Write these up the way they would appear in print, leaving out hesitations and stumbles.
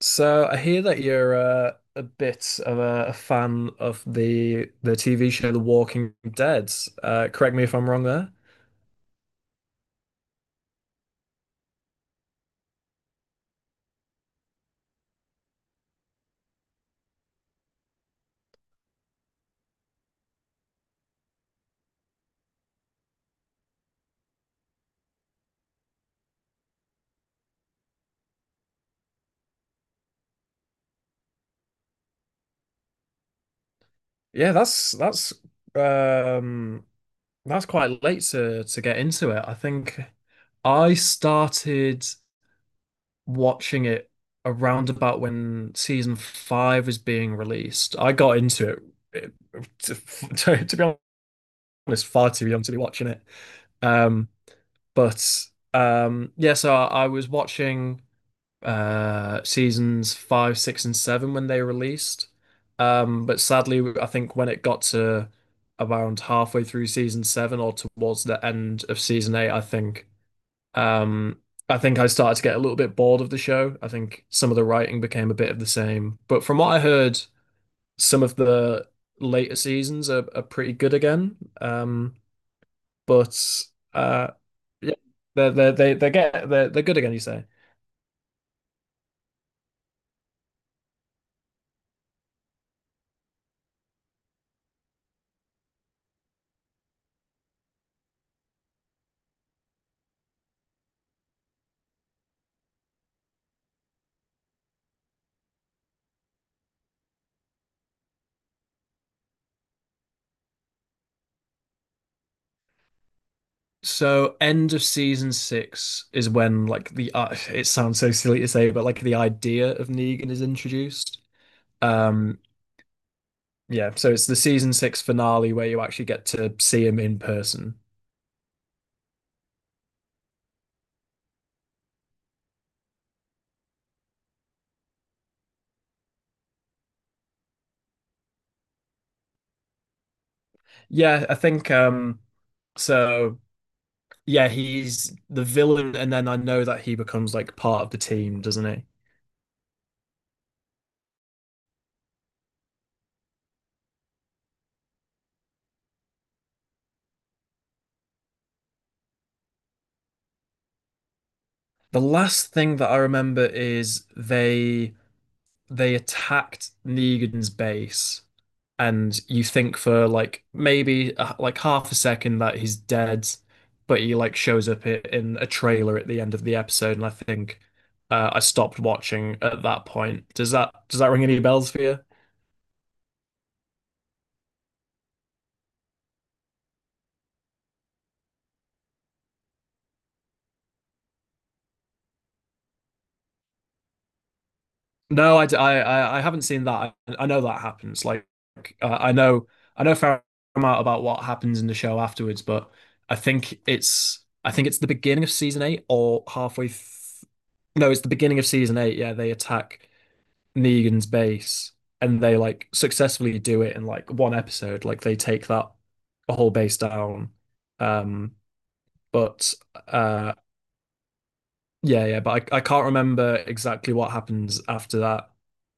So I hear that you're a bit of a fan of the TV show The Walking Dead. Correct me if I'm wrong there. Yeah, that's that's um that's quite late to get into it. I think I started watching it around about when season five was being released. I got into it, it- to, to be honest, far too young to be watching it. Um, But Yeah, so I was watching seasons five, six, and seven when they released. But sadly, I think when it got to around halfway through season seven or towards the end of season eight, um, I think I started to get a little bit bored of the show. I think some of the writing became a bit of the same. But from what I heard, some of the later seasons are pretty good again. Um, but uh, yeah, they're they get they're good again. You say so. End of season six is when like the it sounds so silly to say, but like the idea of Negan is introduced. Um, yeah, so it's the season six finale where you actually get to see him in person. Yeah, I think so. Yeah, he's the villain, and then I know that he becomes like part of the team, doesn't he? The last thing that I remember is they attacked Negan's base, and you think for like maybe like half a second that he's dead, but he like shows up in a trailer at the end of the episode, and I stopped watching at that point. Does that ring any bells for you? No, I haven't seen that. I know that happens. Uh, I know, I know a fair amount about what happens in the show afterwards, but I think it's the beginning of season eight or halfway. Th No, it's the beginning of season eight. Yeah, they attack Negan's base and they like successfully do it in like one episode. Like they take that whole base down. Um, but uh, yeah, yeah, but I can't remember exactly what happens after that.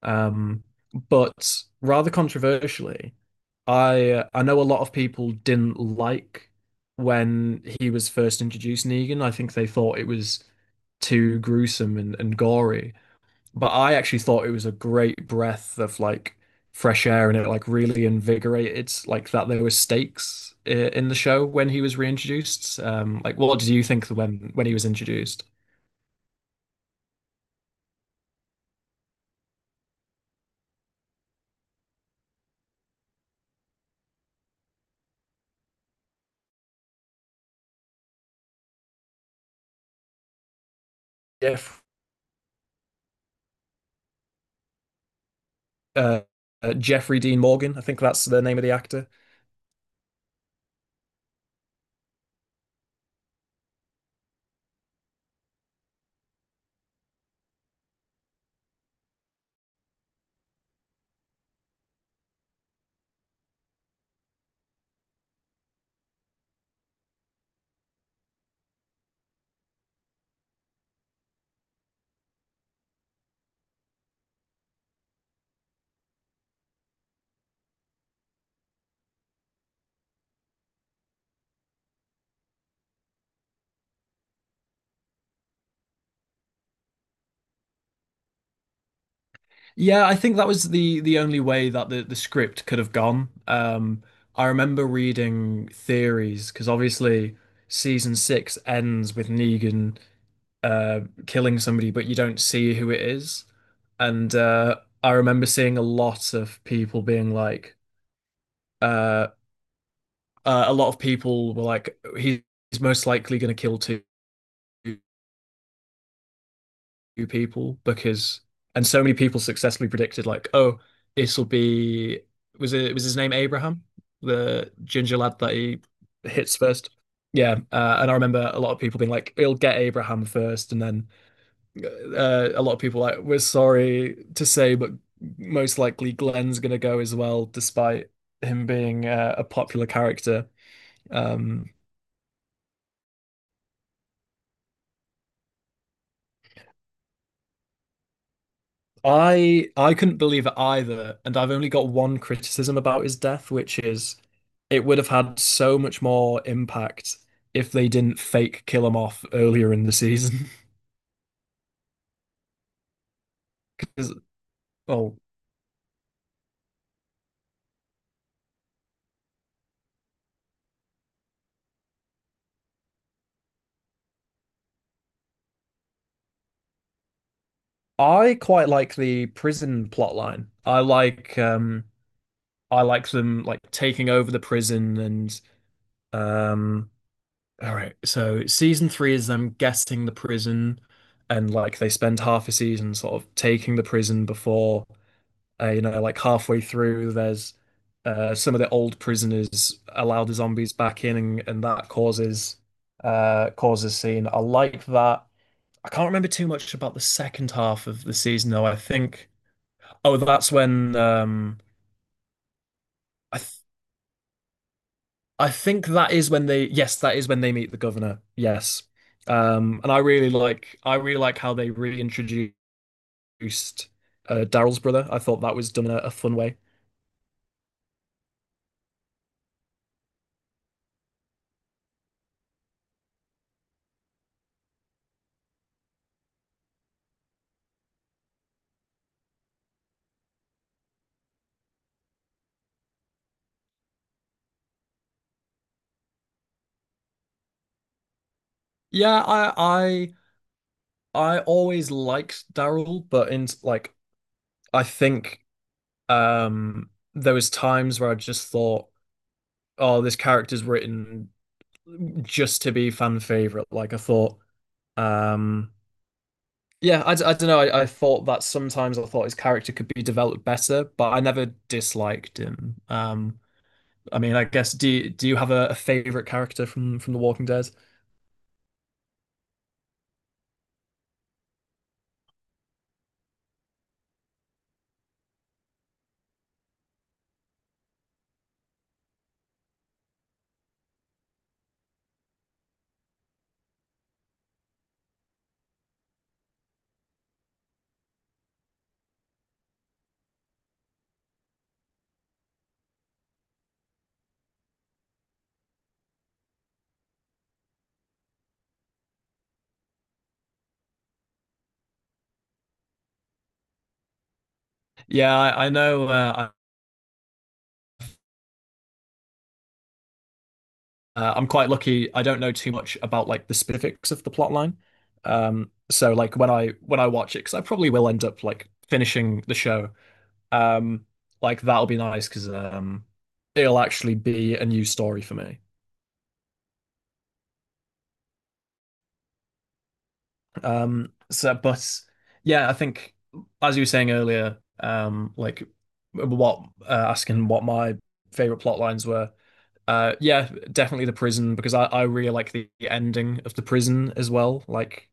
Um, but rather controversially, I know a lot of people didn't like when he was first introduced Negan. I think they thought it was too gruesome and gory. But I actually thought it was a great breath of like fresh air and it like really invigorated like that there were stakes in the show when he was reintroduced. Like what did you think when he was introduced? Yeah, uh, Jeffrey Dean Morgan. I think that's the name of the actor. Yeah, I think that was the only way that the script could have gone. I remember reading theories because obviously season six ends with Negan killing somebody, but you don't see who it is. And I remember seeing a lot of people being like, uh, a lot of people were like, he's most likely going to kill two people because and so many people successfully predicted like, oh, this will be was his name Abraham, the ginger lad that he hits first. Yeah, and I remember a lot of people being like, "It'll get Abraham first, and then a lot of people like, "We're sorry to say, but most likely Glenn's gonna go as well, despite him being a popular character." Um, I couldn't believe it either, and I've only got one criticism about his death, which is it would have had so much more impact if they didn't fake kill him off earlier in the season. 'Cause- Well, I quite like the prison plotline. I like um I like them like taking over the prison and um all right, so season three is them guessing the prison and like they spend half a season sort of taking the prison before you know, like halfway through, there's some of the old prisoners allow the zombies back in, and that causes causes scene. I like that. I can't remember too much about the second half of the season, though. Oh, that's when um, I th I think that is when they yes, that is when they meet the governor. Yes, and I really like how they reintroduced Daryl's brother. I thought that was done in a fun way. Yeah, I I always liked Daryl, but in like I think there was times where I just thought, oh, this character's written just to be fan favorite. Um yeah, I don't know. I thought that sometimes I thought his character could be developed better, but I never disliked him. I mean, I guess do you have a favorite character from The Walking Dead? Yeah, I know. I'm quite lucky. I don't know too much about like the specifics of the plot line. So like when I watch it, because I probably will end up like finishing the show. Um, like that'll be nice because it'll actually be a new story for me. But yeah, I think as you were saying earlier, like what asking what my favorite plot lines were. Yeah, definitely the prison because I really like the ending of the prison as well. Like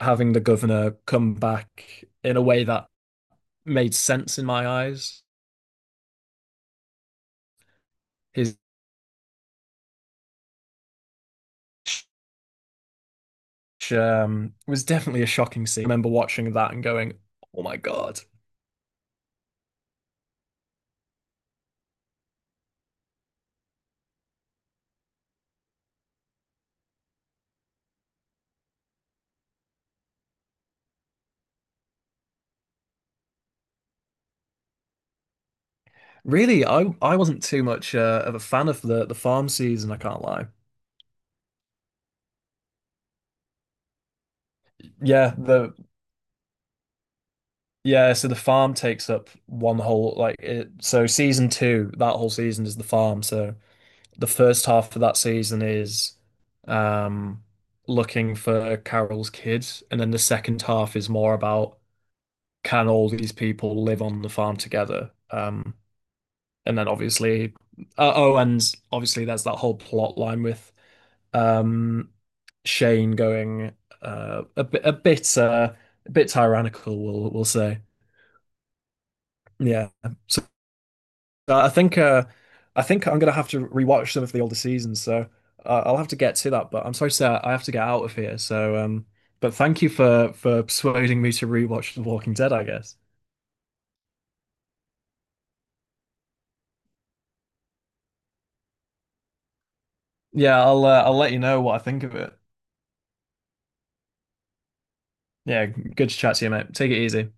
having the governor come back in a way that made sense in my eyes. His Was definitely a shocking scene. I remember watching that and going, "Oh my God!" Really, I wasn't too much of a fan of the farm season. I can't lie. Yeah, the yeah. So the farm takes up one whole like it. So season two, that whole season is the farm. So the first half of that season is um, looking for Carol's kids, and then the second half is more about can all these people live on the farm together? And then obviously, oh, and obviously there's that whole plot line with um, Shane going uh, a bit, a bit, uh, a bit tyrannical, we'll say. Yeah, so Uh, I think uh, I think I'm gonna have to rewatch some of the older seasons, so I'll have to get to that. But I'm sorry, sir, I have to get out of here. But thank you for persuading me to rewatch The Walking Dead, I guess. Yeah, I'll let you know what I think of it. Yeah, good to chat to you, mate. Take it easy.